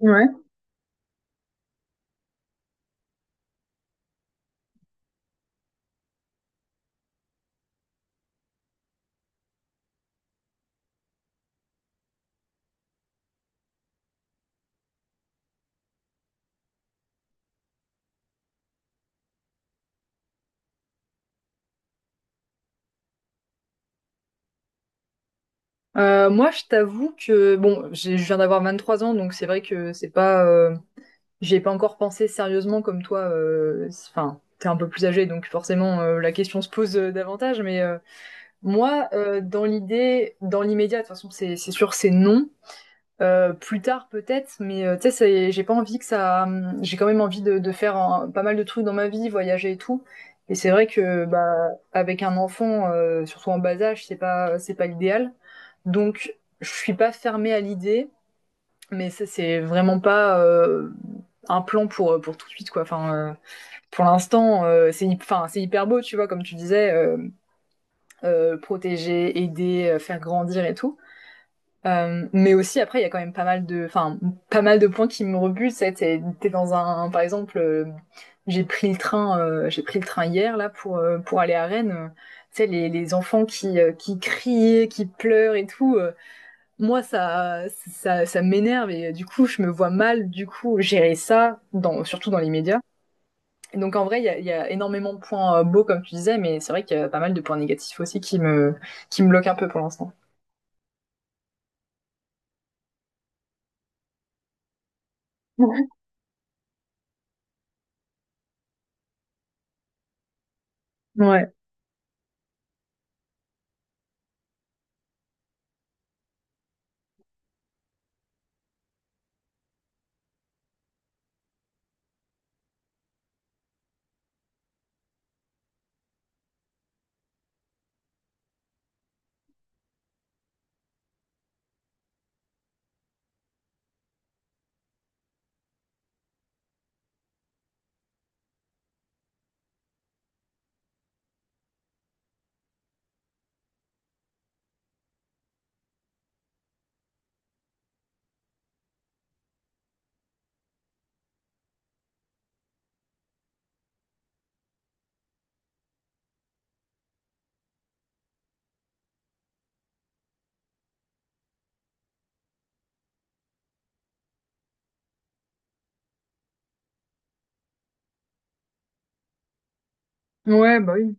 Ouais. Moi, je t'avoue que bon, je viens d'avoir 23 ans, donc c'est vrai que c'est pas, j'y ai pas encore pensé sérieusement comme toi. Enfin, t'es un peu plus âgé, donc forcément la question se pose davantage. Moi, dans l'idée, dans l'immédiat, de toute façon, c'est sûr, c'est non. Plus tard peut-être, tu sais, j'ai pas envie que ça. J'ai quand même envie de faire pas mal de trucs dans ma vie, voyager et tout. Et c'est vrai que bah avec un enfant, surtout en bas âge, c'est pas l'idéal. Donc je suis pas fermée à l'idée, mais ça c'est vraiment pas un plan pour tout de suite quoi. Pour l'instant c'est c'est hyper beau tu vois comme tu disais protéger, aider, faire grandir et tout. Mais aussi après il y a quand même pas mal de points qui me rebutent. C'est T'es dans un, par exemple, j'ai pris le train hier là pour aller à Rennes. Tu sais les enfants qui crient, qui pleurent et tout, moi ça m'énerve, et du coup je me vois mal du coup gérer ça dans, surtout dans les médias. Et donc en vrai il y a énormément de points beaux comme tu disais, mais c'est vrai qu'il y a pas mal de points négatifs aussi qui me bloquent un peu pour l'instant. Ouais, ouais, bah oui.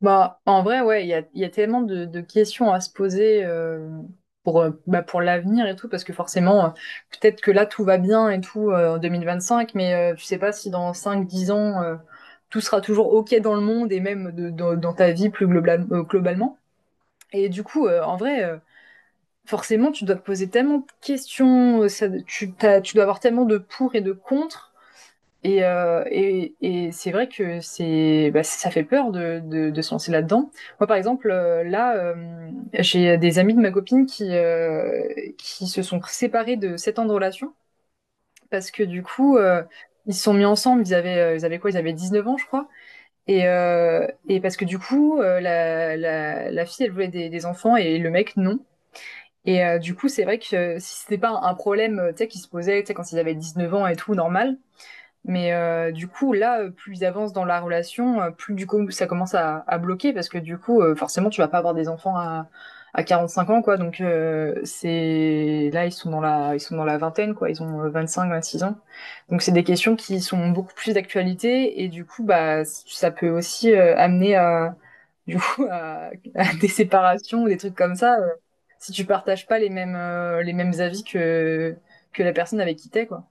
Bah, en vrai, ouais, il y a tellement de questions à se poser, pour, bah, pour l'avenir et tout, parce que forcément, peut-être que là, tout va bien et tout en cinq, tu sais pas si dans cinq, 10 ans, tout sera toujours OK dans le monde, et même dans ta vie plus globalement. Et du coup, en vrai, forcément, tu dois te poser tellement de questions, tu dois avoir tellement de pour et de contre, et c'est vrai que c'est, bah, ça fait peur de se lancer là-dedans. Moi, par exemple, j'ai des amis de ma copine qui se sont séparés de 7 ans de relation, parce que du coup, ils se sont mis ensemble. Ils avaient quoi? Ils avaient 19 ans, je crois. Et parce que du coup, la fille, elle voulait des enfants, et le mec, non. Et du coup, c'est vrai que si c'était pas un problème tu sais, qui se posait, tu sais, quand ils avaient 19 ans et tout, normal, mais du coup, là, plus ils avancent dans la relation, plus du coup ça commence à bloquer parce que du coup, forcément, tu vas pas avoir des enfants à 45 ans, quoi. C'est là, ils sont dans ils sont dans la vingtaine, quoi. Ils ont 25, 26 ans. Donc c'est des questions qui sont beaucoup plus d'actualité, et du coup, bah, ça peut aussi amener à, du coup, à des séparations ou des trucs comme ça, si tu partages pas les mêmes, les mêmes avis que la personne avec qui t'es, quoi.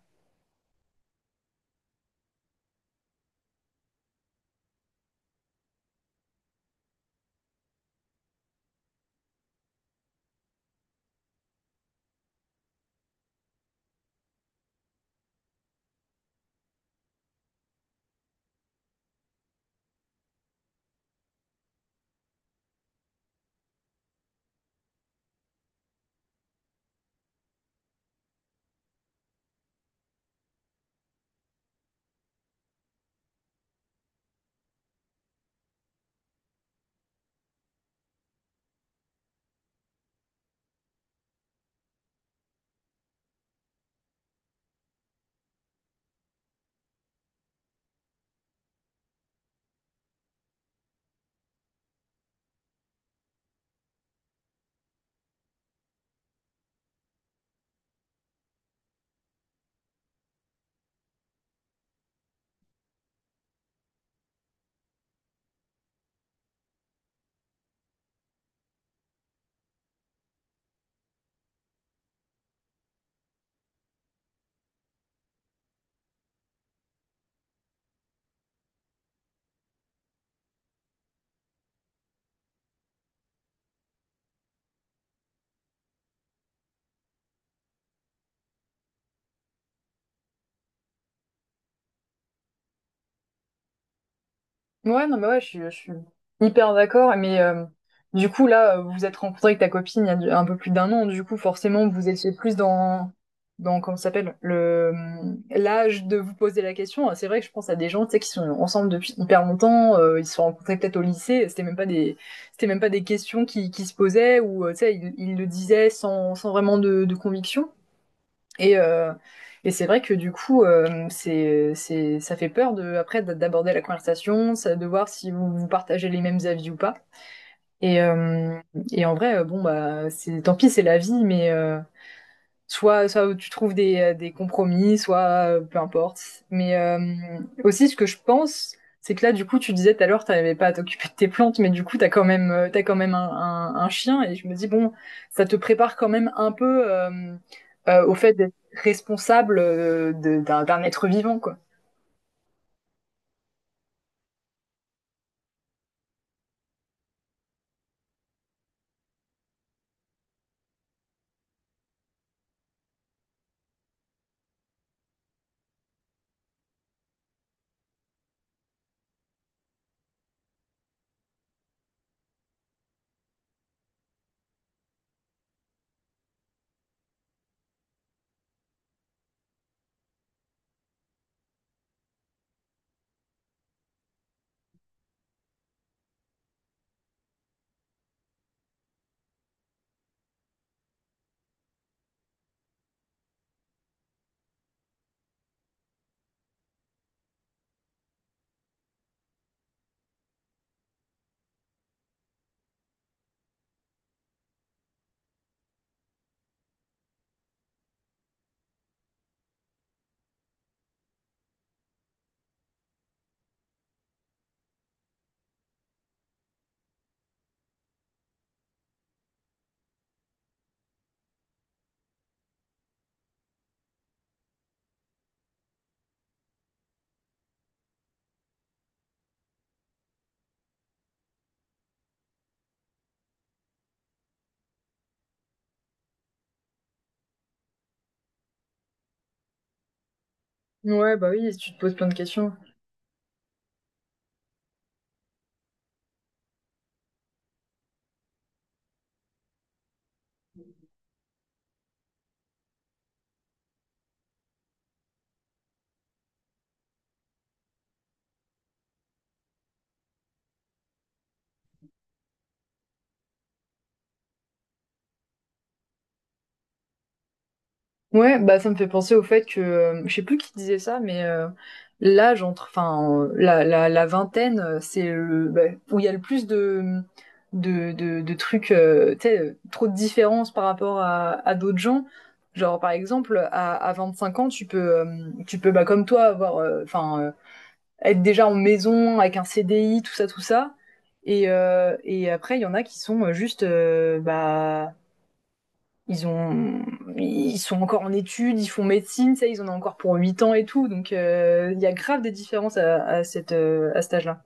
Ouais, non, mais ouais, je suis hyper d'accord. Du coup, là, vous vous êtes rencontré avec ta copine il y a un peu plus d'un an. Du coup, forcément, vous étiez plus dans, dans comment ça s'appelle, l'âge de vous poser la question. Ah, c'est vrai que je pense à des gens, tu sais, qui sont ensemble depuis hyper longtemps. Ils se sont rencontrés peut-être au lycée. C'était même pas des questions qui se posaient, ou, tu sais, ils le disaient sans vraiment de conviction. Et, euh, et c'est vrai que du coup, ça fait peur de, après d'aborder la conversation, de voir si vous, vous partagez les mêmes avis ou pas. Et, euh, et en vrai, bon, bah, c'est, tant pis, c'est la vie, soit, soit tu trouves des compromis, soit peu importe. Mais euh, Aussi, ce que je pense, c'est que là, du coup, tu disais tout à l'heure, t'arrivais pas à t'occuper de tes plantes, mais du coup, t'as quand même un chien, et je me dis, bon, ça te prépare quand même un peu au fait d'être responsable d'un être vivant, quoi. Ouais, bah oui, tu te poses plein de questions. Ouais, bah ça me fait penser au fait que je sais plus qui disait ça, l'âge entre, la vingtaine, c'est le bah, où il y a le plus de de trucs, tu sais, trop de différences par rapport à d'autres gens. Genre par exemple, à 5 ans, tu peux bah comme toi avoir, être déjà en maison avec un CDI, tout ça, tout ça. Et après il y en a qui sont juste bah ils ont ils sont encore en études, ils font médecine, ça, ils en ont encore pour 8 ans et tout. Donc il Y a grave des différences à cette, à cet âge-là.